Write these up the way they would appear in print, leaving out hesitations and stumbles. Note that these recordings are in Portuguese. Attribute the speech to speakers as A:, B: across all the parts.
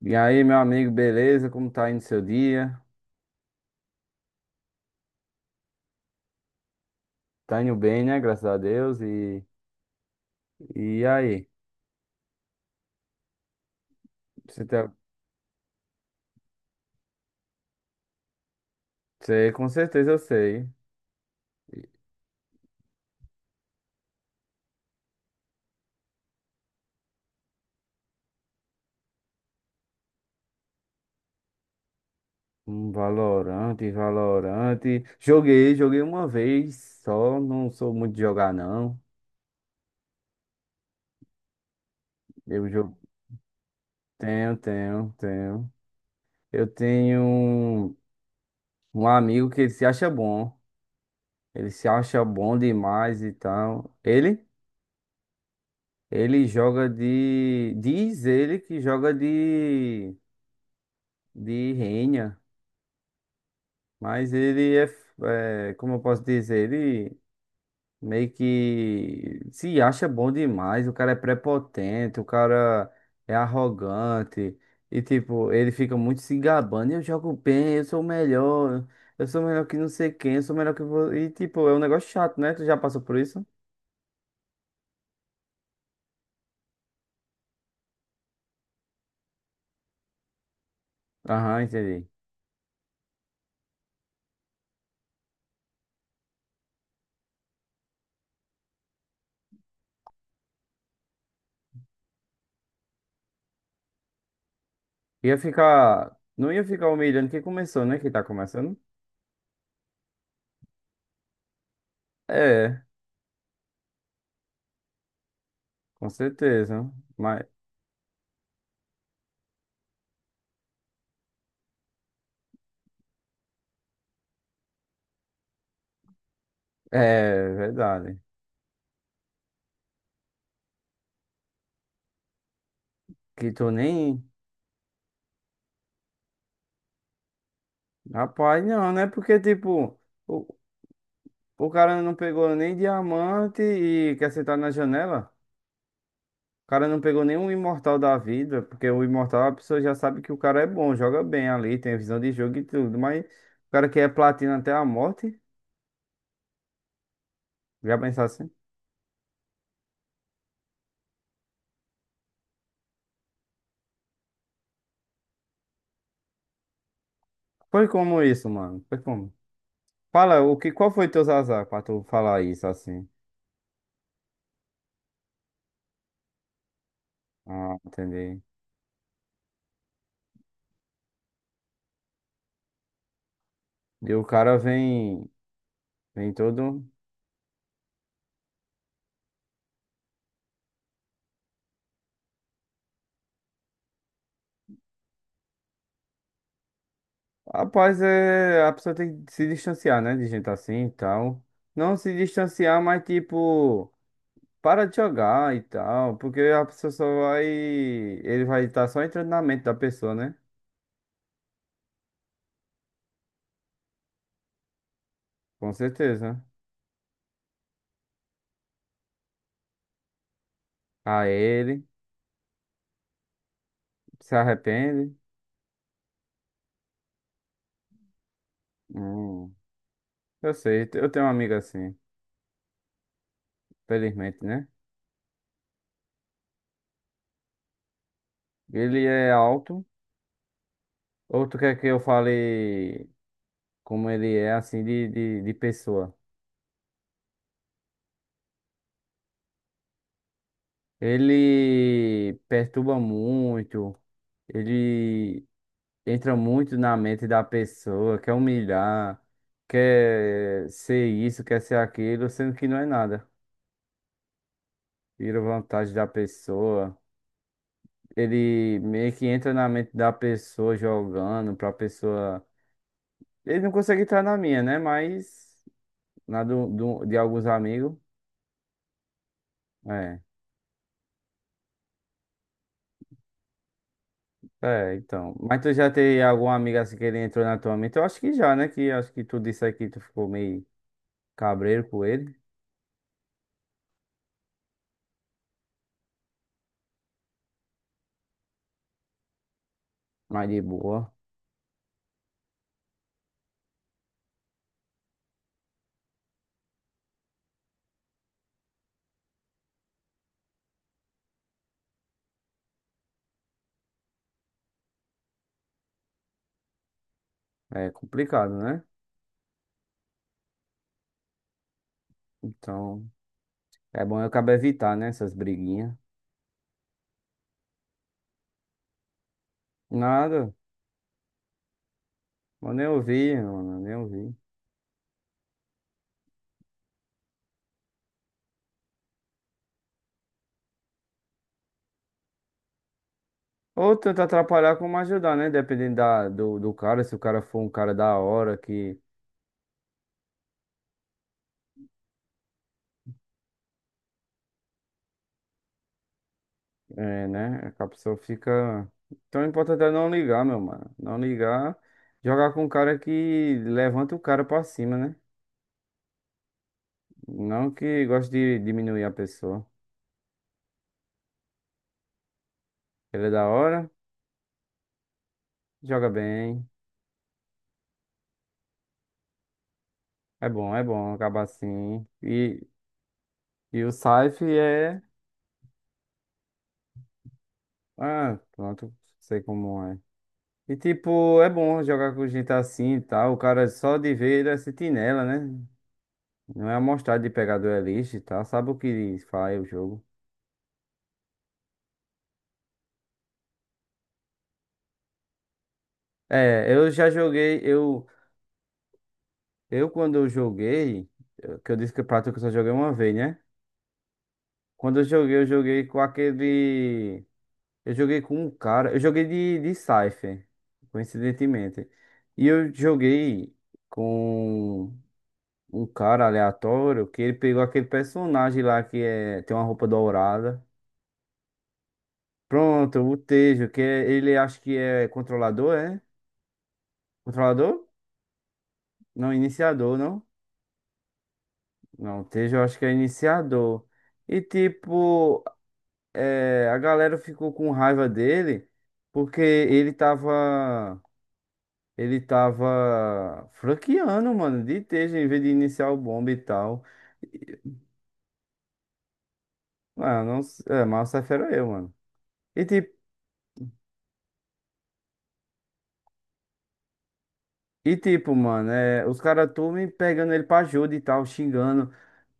A: E aí, meu amigo, beleza? Como tá indo seu dia? Tá indo bem, né? Graças a Deus. E aí? Você tá... Você, com certeza eu sei. Um Valorante, Valorante. Joguei uma vez só. Não sou muito de jogar, não. Eu jogo. Tenho. Eu tenho um amigo que ele se acha bom. Ele se acha bom demais e tal. Ele? Ele joga de. Diz ele que joga de. De Renha. Mas ele é, é, como eu posso dizer, ele meio que se acha bom demais. O cara é prepotente, o cara é arrogante. E, tipo, ele fica muito se gabando. Eu jogo bem, eu sou o melhor, eu sou melhor que não sei quem, eu sou melhor que você. E, tipo, é um negócio chato, né? Tu já passou por isso? Aham, entendi. Ia ficar. Não ia ficar humilhando quem começou, né? Quem tá começando? É, com certeza. Mas. É, verdade. Que tu nem. Rapaz, não, né? Porque, tipo, o, o cara não pegou nem diamante e quer sentar na janela. O cara não pegou nenhum imortal da vida, porque o imortal a pessoa já sabe que o cara é bom, joga bem ali, tem visão de jogo e tudo, mas o cara que é platina até a morte, já pensar assim. Foi como isso, mano? Foi como? Fala, o que, qual foi teus azar pra tu falar isso assim? Ah, entendi. E o cara vem, vem todo. Rapaz, é, a pessoa tem que se distanciar, né? De gente assim e tal. Não se distanciar, mas tipo, para de jogar e tal. Porque a pessoa só vai. Ele vai estar só entrando na mente da pessoa, né? Com certeza. A ele, se arrepende. Hum, eu sei, eu tenho um amigo assim, felizmente, né? Ele é alto. Ou tu quer que eu fale como ele é, assim, de pessoa? Ele perturba muito, ele entra muito na mente da pessoa, quer humilhar, quer ser isso, quer ser aquilo, sendo que não é nada. Tira vantagem da pessoa. Ele meio que entra na mente da pessoa jogando pra pessoa. Ele não consegue entrar na minha, né? Mas na de alguns amigos. É. É, então. Mas tu já teve algum amigo assim que ele entrou na tua mente? Eu acho que já, né? Que acho que tu disse aí que tu ficou meio Cabreiro com ele, mas de boa. É complicado, né? Então, é bom eu acabo evitar, né? Essas briguinhas. Nada, eu nem ouvir, mano, nem ouvir. Ou tanto atrapalhar como ajudar, né? Dependendo da, do cara, se o cara for um cara da hora, que, é, né? Que a pessoa fica. Então, o importante é não ligar, meu mano. Não ligar, jogar com um cara que levanta o cara pra cima, né? Não que goste de diminuir a pessoa. Ele é da hora, joga bem. É bom acaba assim. E o Saif é. Ah, pronto, sei como é. E tipo, é bom jogar com gente assim e tal. O cara só de ver ele é sentinela, né? Não é amostrado de pegar duelista e tal. Sabe o que faz o jogo. É, eu já joguei. Eu quando eu joguei. Que eu disse que o Prato que eu só joguei uma vez, né? Quando eu joguei com aquele. Eu joguei com um cara. Eu joguei de Cypher, coincidentemente. E eu joguei com um cara aleatório que ele pegou aquele personagem lá que é, tem uma roupa dourada. Pronto, o Tejo, que é, ele acho que é controlador, é? Controlador? Não, iniciador, não? Não, o Tejo eu acho que é iniciador. E tipo, é, a galera ficou com raiva dele porque ele tava. Ele tava franqueando, mano, de Teja, em vez de iniciar o bomba e tal. E- Ah, não, é, mas essa fera eu, mano. E tipo, e tipo, mano, é, os caras tudo me pegando ele pra ajuda e tal, xingando.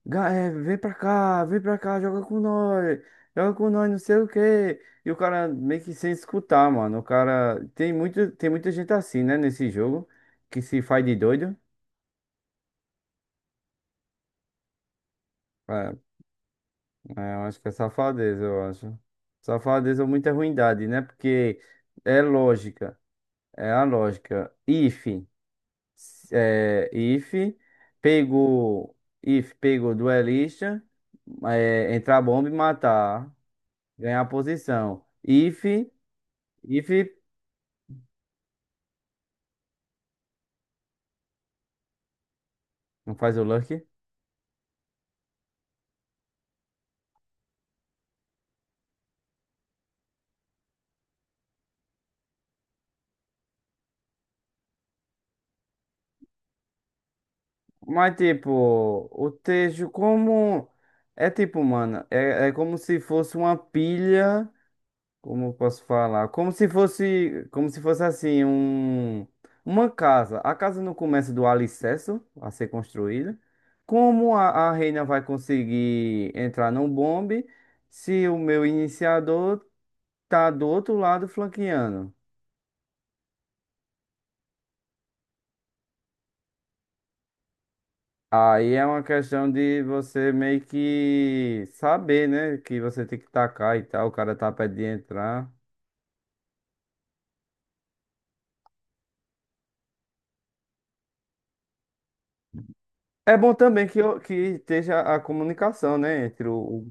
A: É, vem pra cá, joga com nós, não sei o quê. E o cara meio que sem escutar, mano. O cara. Tem muito, tem muita gente assim, né, nesse jogo, que se faz de doido. É, É, eu acho que é safadeza, eu acho. Safadeza é muita ruindade, né? Porque é lógica, é a lógica. If, é, if pegou, if pegou duelista, é, entrar a bomba e matar, ganhar a posição. If, não faz o luck. Mas tipo, o texto como é tipo, mano, é, é como se fosse uma pilha. Como eu posso falar? Como se fosse assim, um, uma casa. A casa não começa do alicerce a ser construída. Como a reina vai conseguir entrar num bombe se o meu iniciador tá do outro lado flanqueando? Aí é uma questão de você meio que saber, né? Que você tem que tacar e tal, o cara tá perto de entrar. É bom também que, que esteja a comunicação, né? Entre o,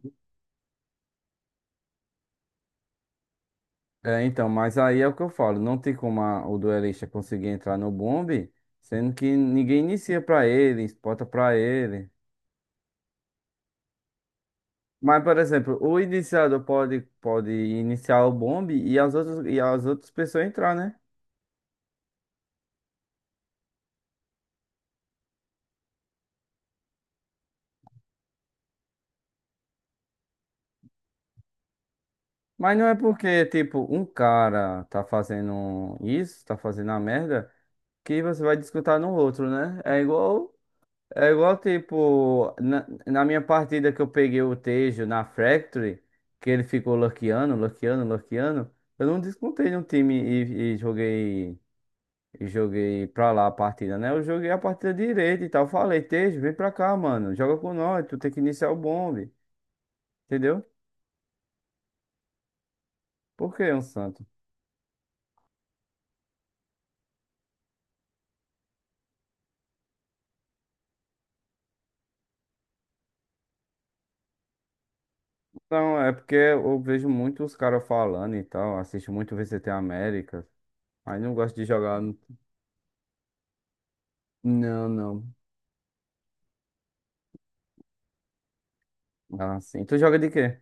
A: É, então, mas aí é o que eu falo, não tem como o duelista conseguir entrar no bombe, sendo que ninguém inicia pra ele, espota pra ele. Mas, por exemplo, o iniciador pode iniciar o bombe e as outras pessoas entrar, né? Mas não é porque, tipo, um cara tá fazendo isso, tá fazendo a merda, que você vai disputar no outro, né? É igual, tipo, na, na minha partida que eu peguei o Tejo na Factory, que ele ficou luckeando, luckeando, luckeando, eu não descontei no time e joguei e joguei pra lá a partida, né? Eu joguei a partida direita e tal. Falei, Tejo, vem pra cá, mano, joga com nós, tu tem que iniciar o bombe, entendeu? Por que um santo? Não, é porque eu vejo muito os caras falando e tal, assisto muito VCT América, aí não gosto de jogar. Não, não. Ah, sim. Tu joga de quê?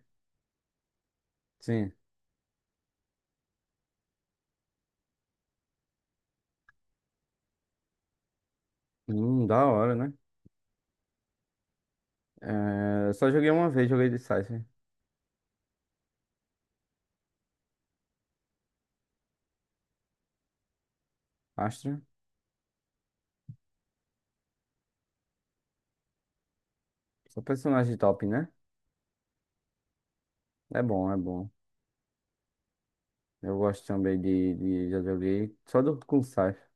A: Sim. Da hora, né? É, eu só joguei uma vez, joguei de Cypher. Astra. Só personagem top, né? É bom, é bom. Eu gosto também de já joguei só do, com Cypher.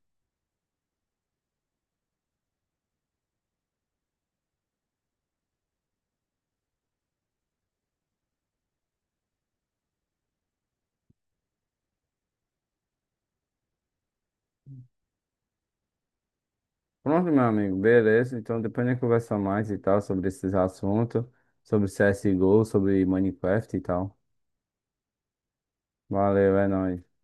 A: Pronto, meu amigo, beleza. Então depois a gente conversa mais e tal sobre esses assuntos, sobre CSGO, sobre Minecraft e tal. Valeu, é nóis.